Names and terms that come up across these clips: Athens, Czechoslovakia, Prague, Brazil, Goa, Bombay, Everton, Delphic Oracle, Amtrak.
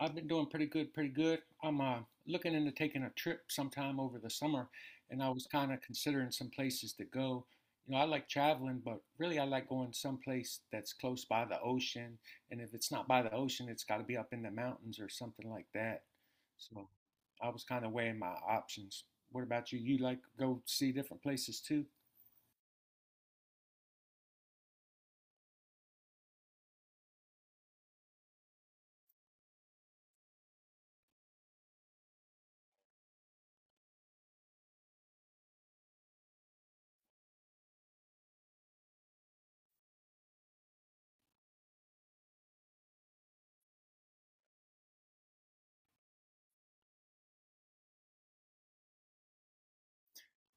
I've been doing pretty good, pretty good. I'm Looking into taking a trip sometime over the summer, and I was kind of considering some places to go. You know, I like traveling, but really I like going someplace that's close by the ocean. And if it's not by the ocean, it's got to be up in the mountains or something like that. So I was kind of weighing my options. What about you? You like go see different places too?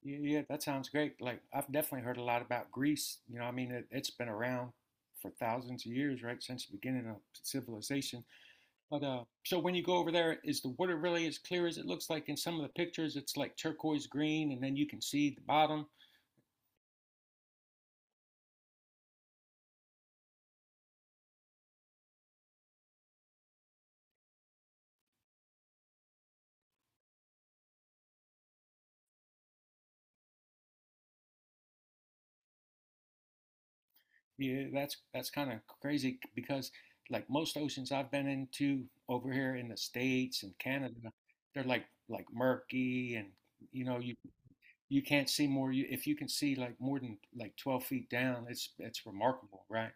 Yeah, yeah, that sounds great. Like I've definitely heard a lot about Greece. You know, I mean, it's been around for thousands of years, right, since the beginning of civilization. But so when you go over there, is the water really as clear as it looks like in some of the pictures? It's like turquoise green, and then you can see the bottom. Yeah, that's kind of crazy because like most oceans I've been into over here in the States and Canada, they're like murky and you know you can't see more. You, if you can see like more than like 12 feet down, it's remarkable, right?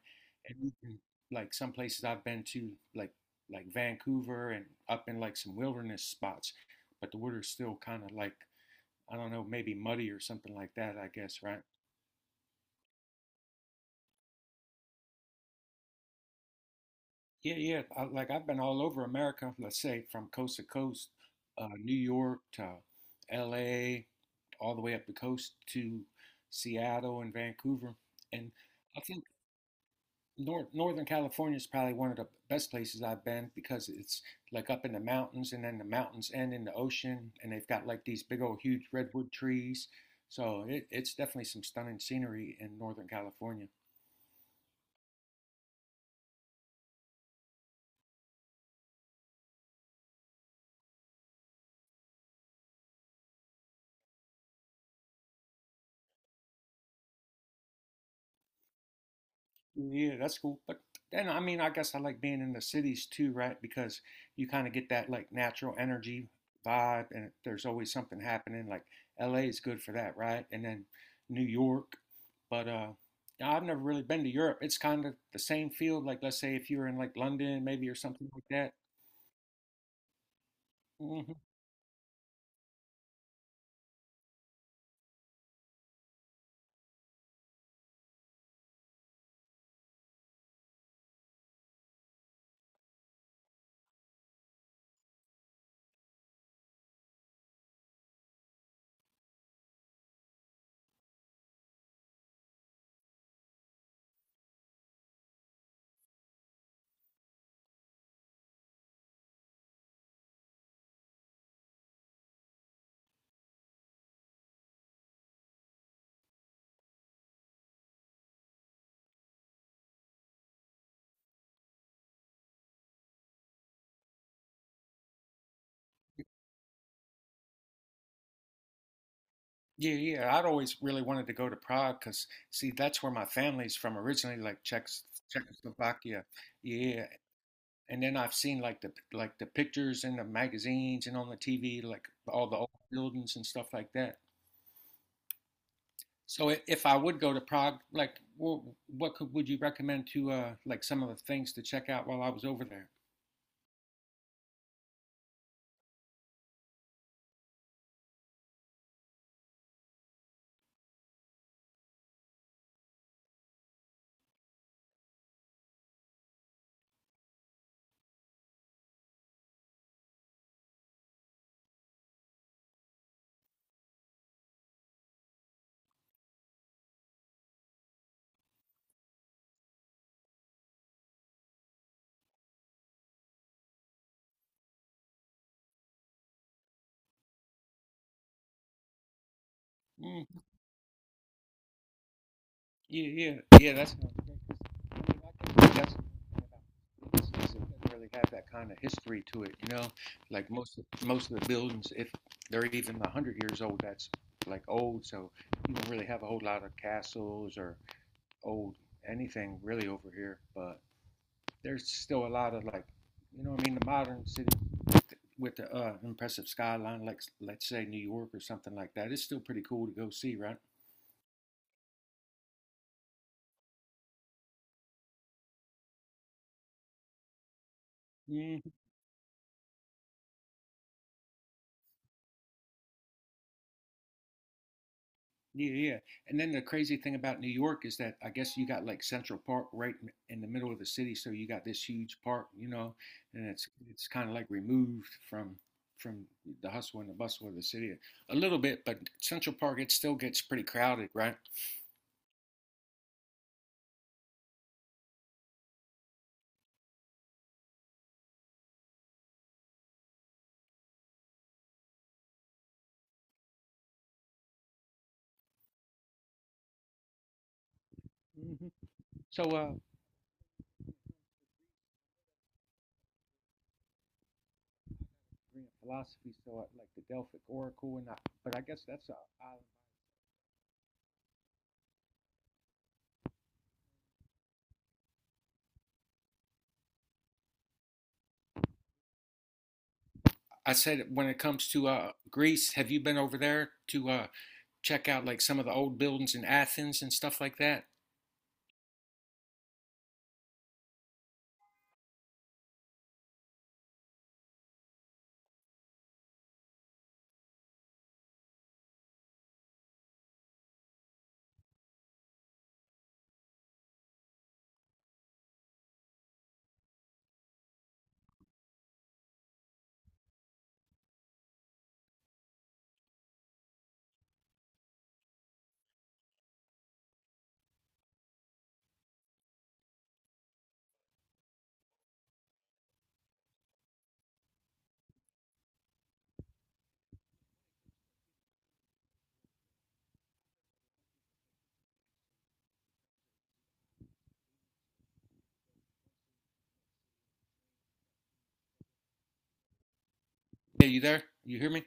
And you can, like some places I've been to, like Vancouver and up in like some wilderness spots, but the water's still kind of like I don't know, maybe muddy or something like that. I guess, right? Yeah, yeah. I, like I've been all over America. Let's say from coast to coast, New York to L.A., all the way up the coast to Seattle and Vancouver, and I think Northern California is probably one of the best places I've been because it's like up in the mountains and then the mountains end in the ocean and they've got like these big old huge redwood trees. So it's definitely some stunning scenery in Northern California. Yeah, that's cool. But then, I mean, I guess I like being in the cities too, right? Because you kind of get that like natural energy vibe, and there's always something happening. Like LA is good for that, right? And then New York. But I've never really been to Europe. It's kind of the same field. Like, let's say if you're in like London, maybe, or something like that. Hmm Yeah, yeah. I'd always really wanted to go to Prague because, see, that's where my family's from originally, like Czechs Czechoslovakia. Yeah, and then I've seen like the pictures in the magazines and on the TV, like all the old buildings and stuff like that. So if I would go to Prague, like what could would you recommend to like some of the things to check out while I was over there? Mm, yeah, yeah, yeah. That's really have that kind of history to it, you know. Like most of the buildings, if they're even 100 years old, that's like old. So you don't really have a whole lot of castles or old anything really over here, but there's still a lot of like, you know, what I mean, the modern city with the impressive skyline, like let's say New York or something like that, it's still pretty cool to go see, right? Yeah, yeah, yeah. And then the crazy thing about New York is that I guess you got like Central Park right in the middle of the city, so you got this huge park, you know, and it's kind of like removed from the hustle and the bustle of the city a little bit, but Central Park it still gets pretty crowded, right? hmm So, Korean philosophy, so I, like the Delphic Oracle and I, but I guess that's a I said when it comes to Greece, have you been over there to check out like some of the old buildings in Athens and stuff like that? Yeah, you there? You hear me?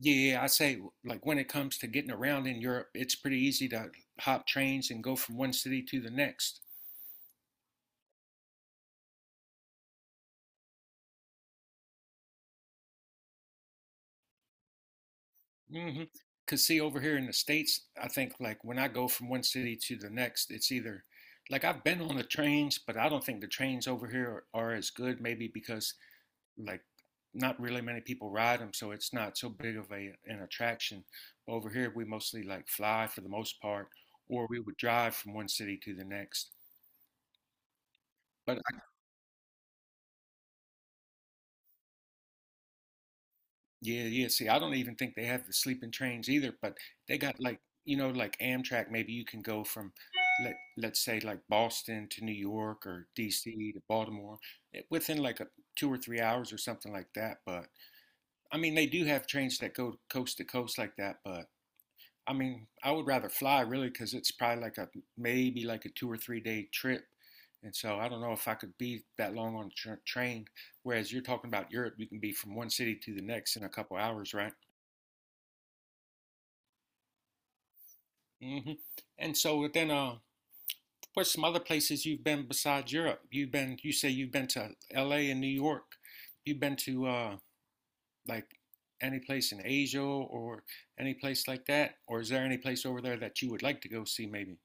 Yeah, yeah, I say like when it comes to getting around in Europe, it's pretty easy to hop trains and go from one city to the next. Hmm Cause see, over here in the States, I think like when I go from one city to the next, it's either like I've been on the trains, but I don't think the trains over here are as good, maybe because like not really many people ride them, so it's not so big of a an attraction. Over here, we mostly like fly for the most part, or we would drive from one city to the next. But yeah, yeah. See, I don't even think they have the sleeping trains either, but they got like, you know, like Amtrak, maybe you can go from let's say like Boston to New York or DC to Baltimore eh, within like a, two or three hours or something like that. But I mean, they do have trains that go coast to coast like that, but I mean, I would rather fly really because it's probably like a maybe like a two or three-day trip. And so I don't know if I could be that long on a train, whereas you're talking about Europe, you can be from one city to the next in a couple hours, right? hmm And so then, what's some other places you've been besides Europe? You've been, you say you've been to LA and New York. You've been to like any place in Asia or any place like that? Or is there any place over there that you would like to go see maybe?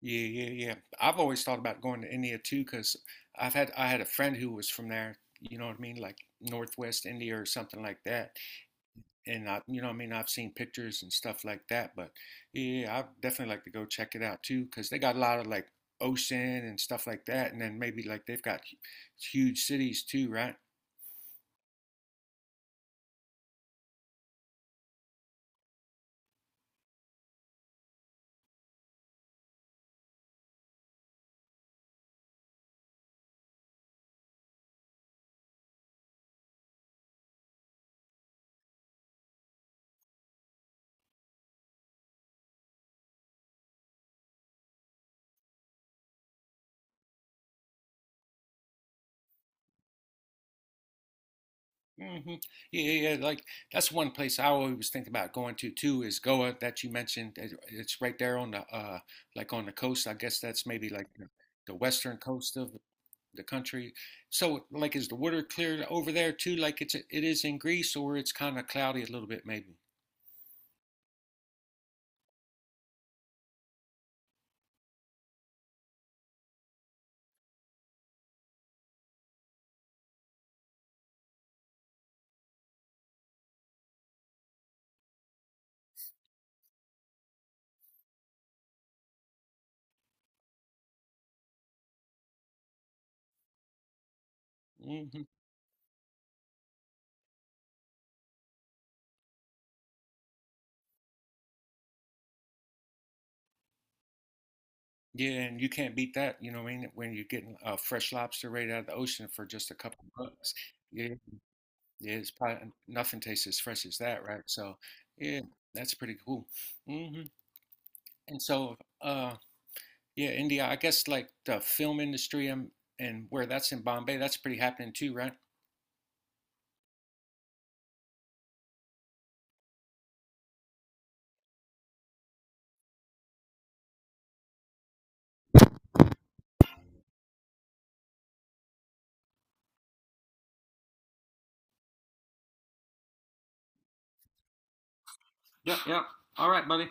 Yeah, yeah, yeah. I've always thought about going to India too, because 'cause I had a friend who was from there, you know what I mean, like Northwest India or something like that. And I, you know, I mean, I've seen pictures and stuff like that, but yeah, I definitely like to go check it out too, because they got a lot of like ocean and stuff like that, and then maybe like they've got huge cities too, right? hmm Yeah, yeah, yeah, like that's one place I always think about going to too is Goa that you mentioned. It's right there on the like on the coast. I guess that's maybe like the western coast of the country. So, like, is the water clear over there too? Like it's it is in Greece, or it's kind of cloudy a little bit, maybe. Hmm Yeah, and you can't beat that. You know what I mean? When you're getting fresh lobster right out of the ocean for just a couple bucks. Yeah, yeah, it's probably nothing tastes as fresh as that, right? So, yeah, that's pretty cool. hmm And so, yeah, India, I guess like the film industry and where that's in Bombay, that's pretty happening too, right? Yep, yep. All right, buddy.